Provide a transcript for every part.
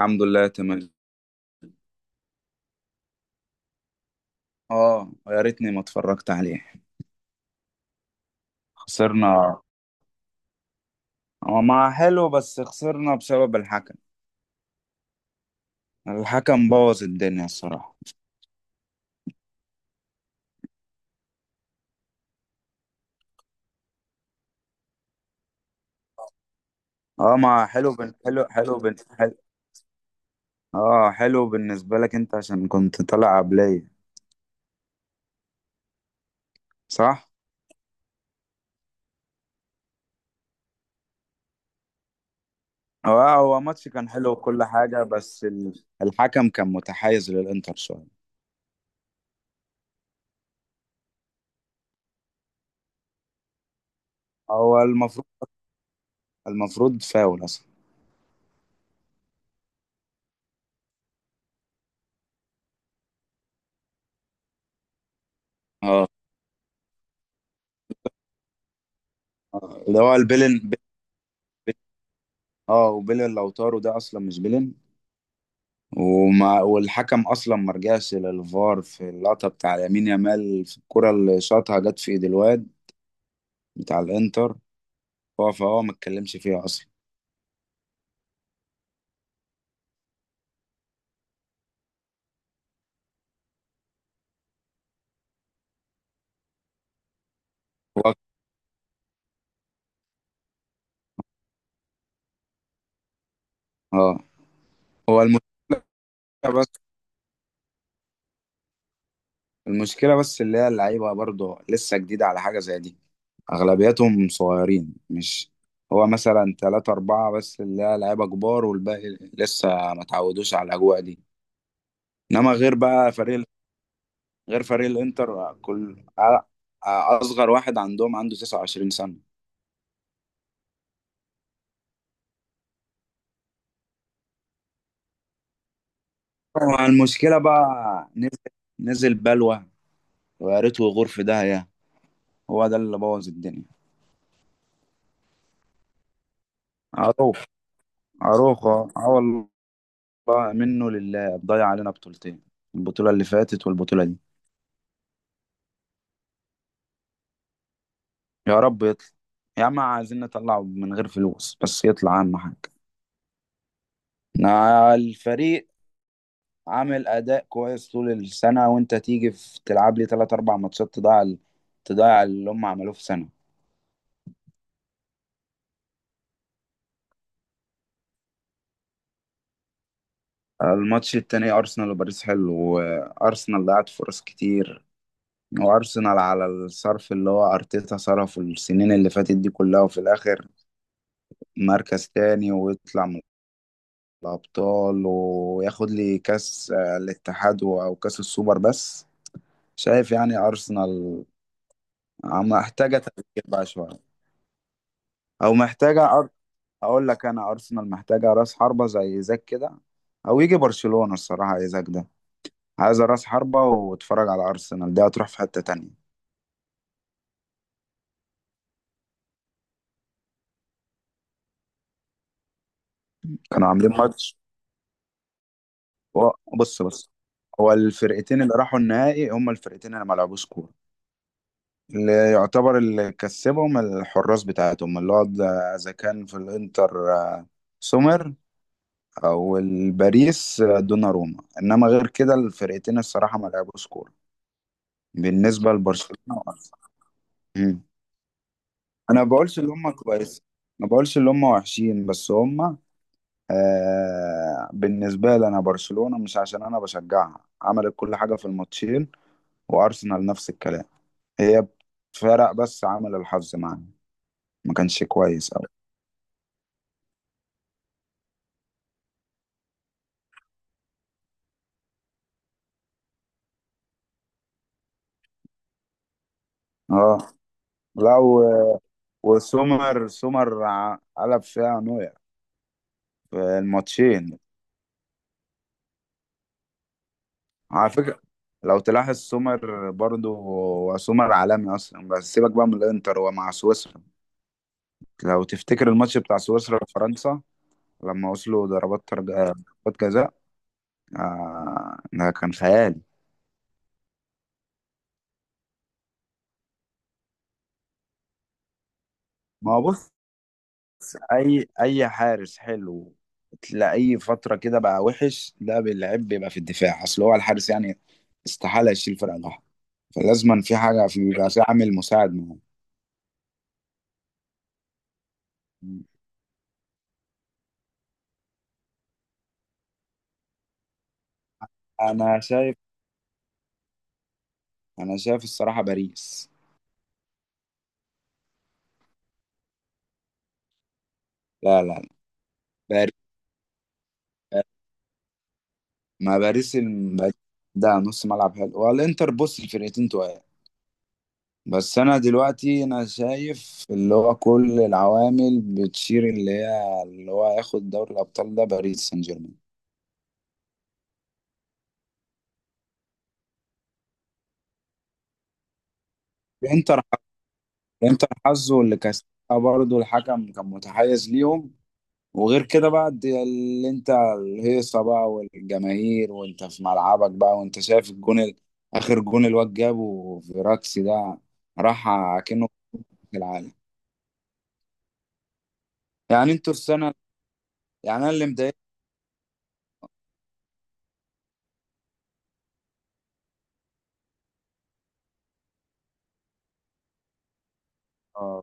الحمد لله، تمام. اه، يا ريتني ما اتفرجت عليه. خسرنا. هو ما حلو، بس خسرنا بسبب الحكم. الحكم بوظ الدنيا الصراحة. اه ما حلو حلو حلو. اه حلو بالنسبة لك انت عشان كنت طالع قبلية. صح؟ اه، هو ماتش كان حلو وكل حاجة، بس الحكم كان متحيز للانتر شوية. هو المفروض المفروض فاول اصلا. اه، اللي هو البيلن اه، وبيلن لو طاروا ده اصلا مش بيلن. وما والحكم اصلا ما رجعش للفار في اللقطه بتاع يمين يامال، في الكره اللي شاطها جت في ايد الواد بتاع الانتر. هو فهو ما اتكلمش فيها اصلا. هو، اه. هو المشكله بس المشكله بس اللي هي اللعيبه برضه لسه جديده على حاجه زي دي. اغلبيتهم صغيرين، مش. هو مثلا ثلاثة أربعة بس اللي هي لعيبة كبار، والباقي لسه ما اتعودوش على الأجواء دي. إنما غير بقى غير فريق الإنتر، كل أصغر واحد عنده 29 سنة. هو المشكلة بقى. نزل نزل بلوى، ويا ريته يغور في داهية. هو ده اللي بوظ الدنيا. عروخ عروخ، اه، آه والله، منه لله، ضيع علينا بطولتين، البطولة اللي فاتت والبطولة دي. يا رب يطلع. يا عم، عايزين نطلعه من غير فلوس، بس يطلع اهم حاجة. الفريق عامل أداء كويس طول السنة، وأنت تيجي في تلعب لي تلات أربع ماتشات تضيع تضيع اللي هم عملوه في سنة. الماتش التاني أرسنال وباريس حلو، وأرسنال ضيعت فرص كتير. وارسنال على الصرف اللي هو ارتيتا صرفه السنين اللي فاتت دي كلها، وفي الاخر مركز تاني ويطلع من الابطال، وياخد لي كاس الاتحاد او كاس السوبر بس. شايف يعني ارسنال محتاجه تغيير بقى شويه، او محتاجه اقول لك، انا ارسنال محتاجه راس حربه زي زاك كده، او يجي برشلونه الصراحه يا زاك ده. عايزه راس حربه، واتفرج على ارسنال ده هتروح في حته تانية. كانوا عاملين ماتش. بص بص. هو الفرقتين اللي راحوا النهائي هما الفرقتين اللي ما لعبوش كوره، اللي يعتبر اللي كسبهم الحراس بتاعتهم، اللي هو اذا كان في الانتر سومر، او الباريس دوناروما. انما غير كده الفرقتين الصراحه ما لعبوش كوره، بالنسبه لبرشلونه وأرسنال. مم. انا ما بقولش ان هم كويس، ما بقولش ان هم وحشين، بس هم، بالنسبه لي انا، برشلونه مش عشان انا بشجعها عملت كل حاجه في الماتشين، وارسنال نفس الكلام. هي فرق، بس عمل الحظ معانا، ما كانش كويس قوي. اه، لا، سومر قلب فيها نوير في الماتشين. على فكرة، لو تلاحظ سومر برضو، هو سومر عالمي اصلا، بس سيبك بقى من الانتر، هو مع سويسرا. لو تفتكر الماتش بتاع سويسرا وفرنسا، لما وصلوا ضربات جزاء، آه ده كان خيالي. ما هو بص، بس اي حارس حلو تلاقيه فتره كده بقى وحش. ده بيلعب بيبقى في الدفاع، اصل هو الحارس يعني استحاله يشيل فرقه لوحده، فلازما في حاجه، بيبقى في عامل مساعد معاه. انا شايف انا شايف الصراحه باريس. لا لا لا، باريس، ما باريس الم- باريس ده نص ملعب حلو. والانتر، بص الفرقتين تقال، بس انا دلوقتي انا شايف اللي هو كل العوامل بتشير اللي هي اللي هو هياخد دوري الابطال ده باريس سان جيرمان. الانتر، انتر حظه اللي كسبها، برضه الحكم كان متحيز ليهم. وغير كده بقى، اللي انت الهيصه بقى والجماهير وانت في ملعبك بقى، وانت شايف اخر جون، الواد جابه في راكسي ده، راح كأنه في العالم يعني. انتوا السنه يعني انا اللي مضايق. اه،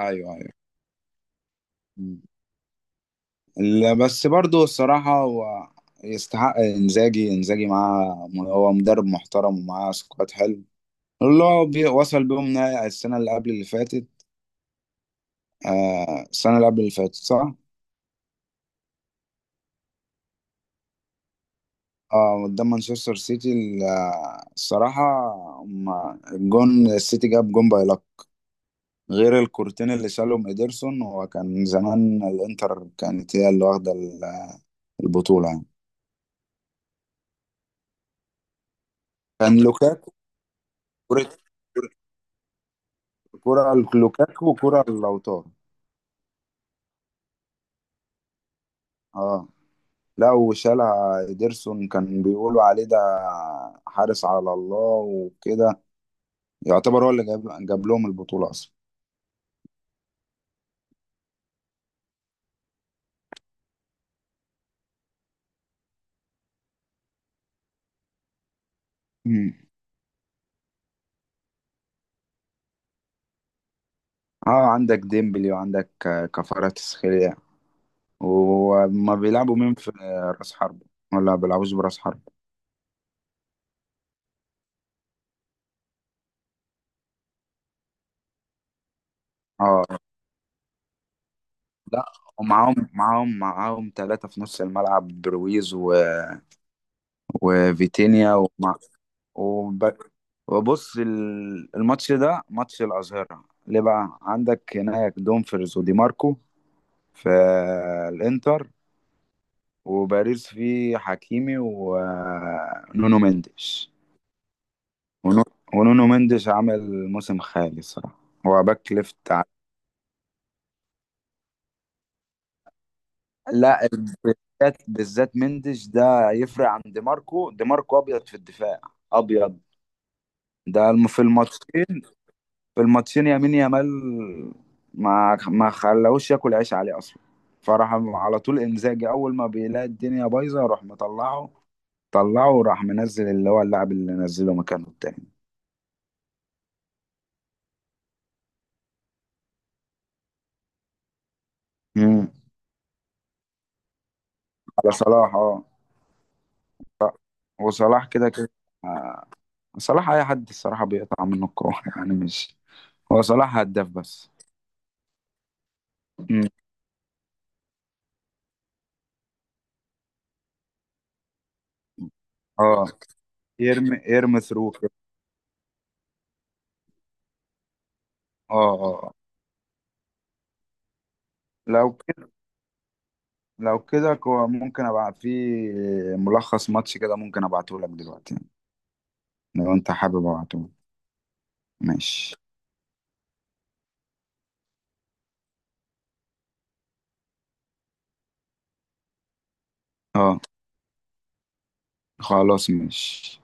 ايوه، ايوه. مم. لا، بس برضه الصراحه هو يستحق، انزاجي معاه، هو مدرب محترم ومعاه سكواد حلو. اللي هو وصل بيهم نهائي السنه اللي قبل اللي فاتت. السنة اللي قبل اللي فاتت، صح؟ اه، قدام مانشستر سيتي، الصراحة هما الجون السيتي جاب جون باي لك، غير الكورتين اللي شالهم ايدرسون. هو كان زمان الانتر كانت هي اللي واخدة البطولة يعني. كان لوكاكو، كرة، كرة لوكاكو وكرة لوتارو. اه، لا وشالها ايدرسون، كان بيقولوا عليه ده حارس على الله وكده، يعتبر هو اللي جاب لهم البطولة اصلا. اه عندك ديمبلي، وعندك كفاراتسخيليا، وما بيلعبوا مين في راس حرب ولا بيلعبوش براس حرب. اه، لا، معاهم ثلاثة في نص الملعب، برويز وفيتينيا وب... وبص، الماتش ده ماتش الأظهرة. ليه بقى؟ عندك هناك دومفرز ودي ماركو في الإنتر، وباريس فيه حكيمي ونونو مندش. ونو- ونونو مندش عمل موسم خالي الصراحة، هو باك ليفت لا، بالذات مندش ده يفرق عن دي ماركو. دي ماركو ابيض في الدفاع، ابيض، ده في الماتشين، في الماتشين يمين يامال ما خلاهوش ياكل عيش عليه اصلا. فراح على طول انزاجي اول ما بيلاقي الدنيا بايظه، راح مطلعه، طلعه وراح منزل اللي هو اللاعب اللي نزله مكانه التاني. مم. على صلاح، اه. وصلاح كده كده. آه. صلاح اي حد الصراحه بيقطع منه الكوره يعني مش، هو صلاح هداف بس. مم. اه، يرمي ثرو كده. اه، اه، آه. لو كده لو كده، ممكن ابعت فيه ملخص ماتش كده، ممكن ابعته لك دلوقتي يعني. لو انت حابب ابعته. ماشي. اه، خلاص ماشي.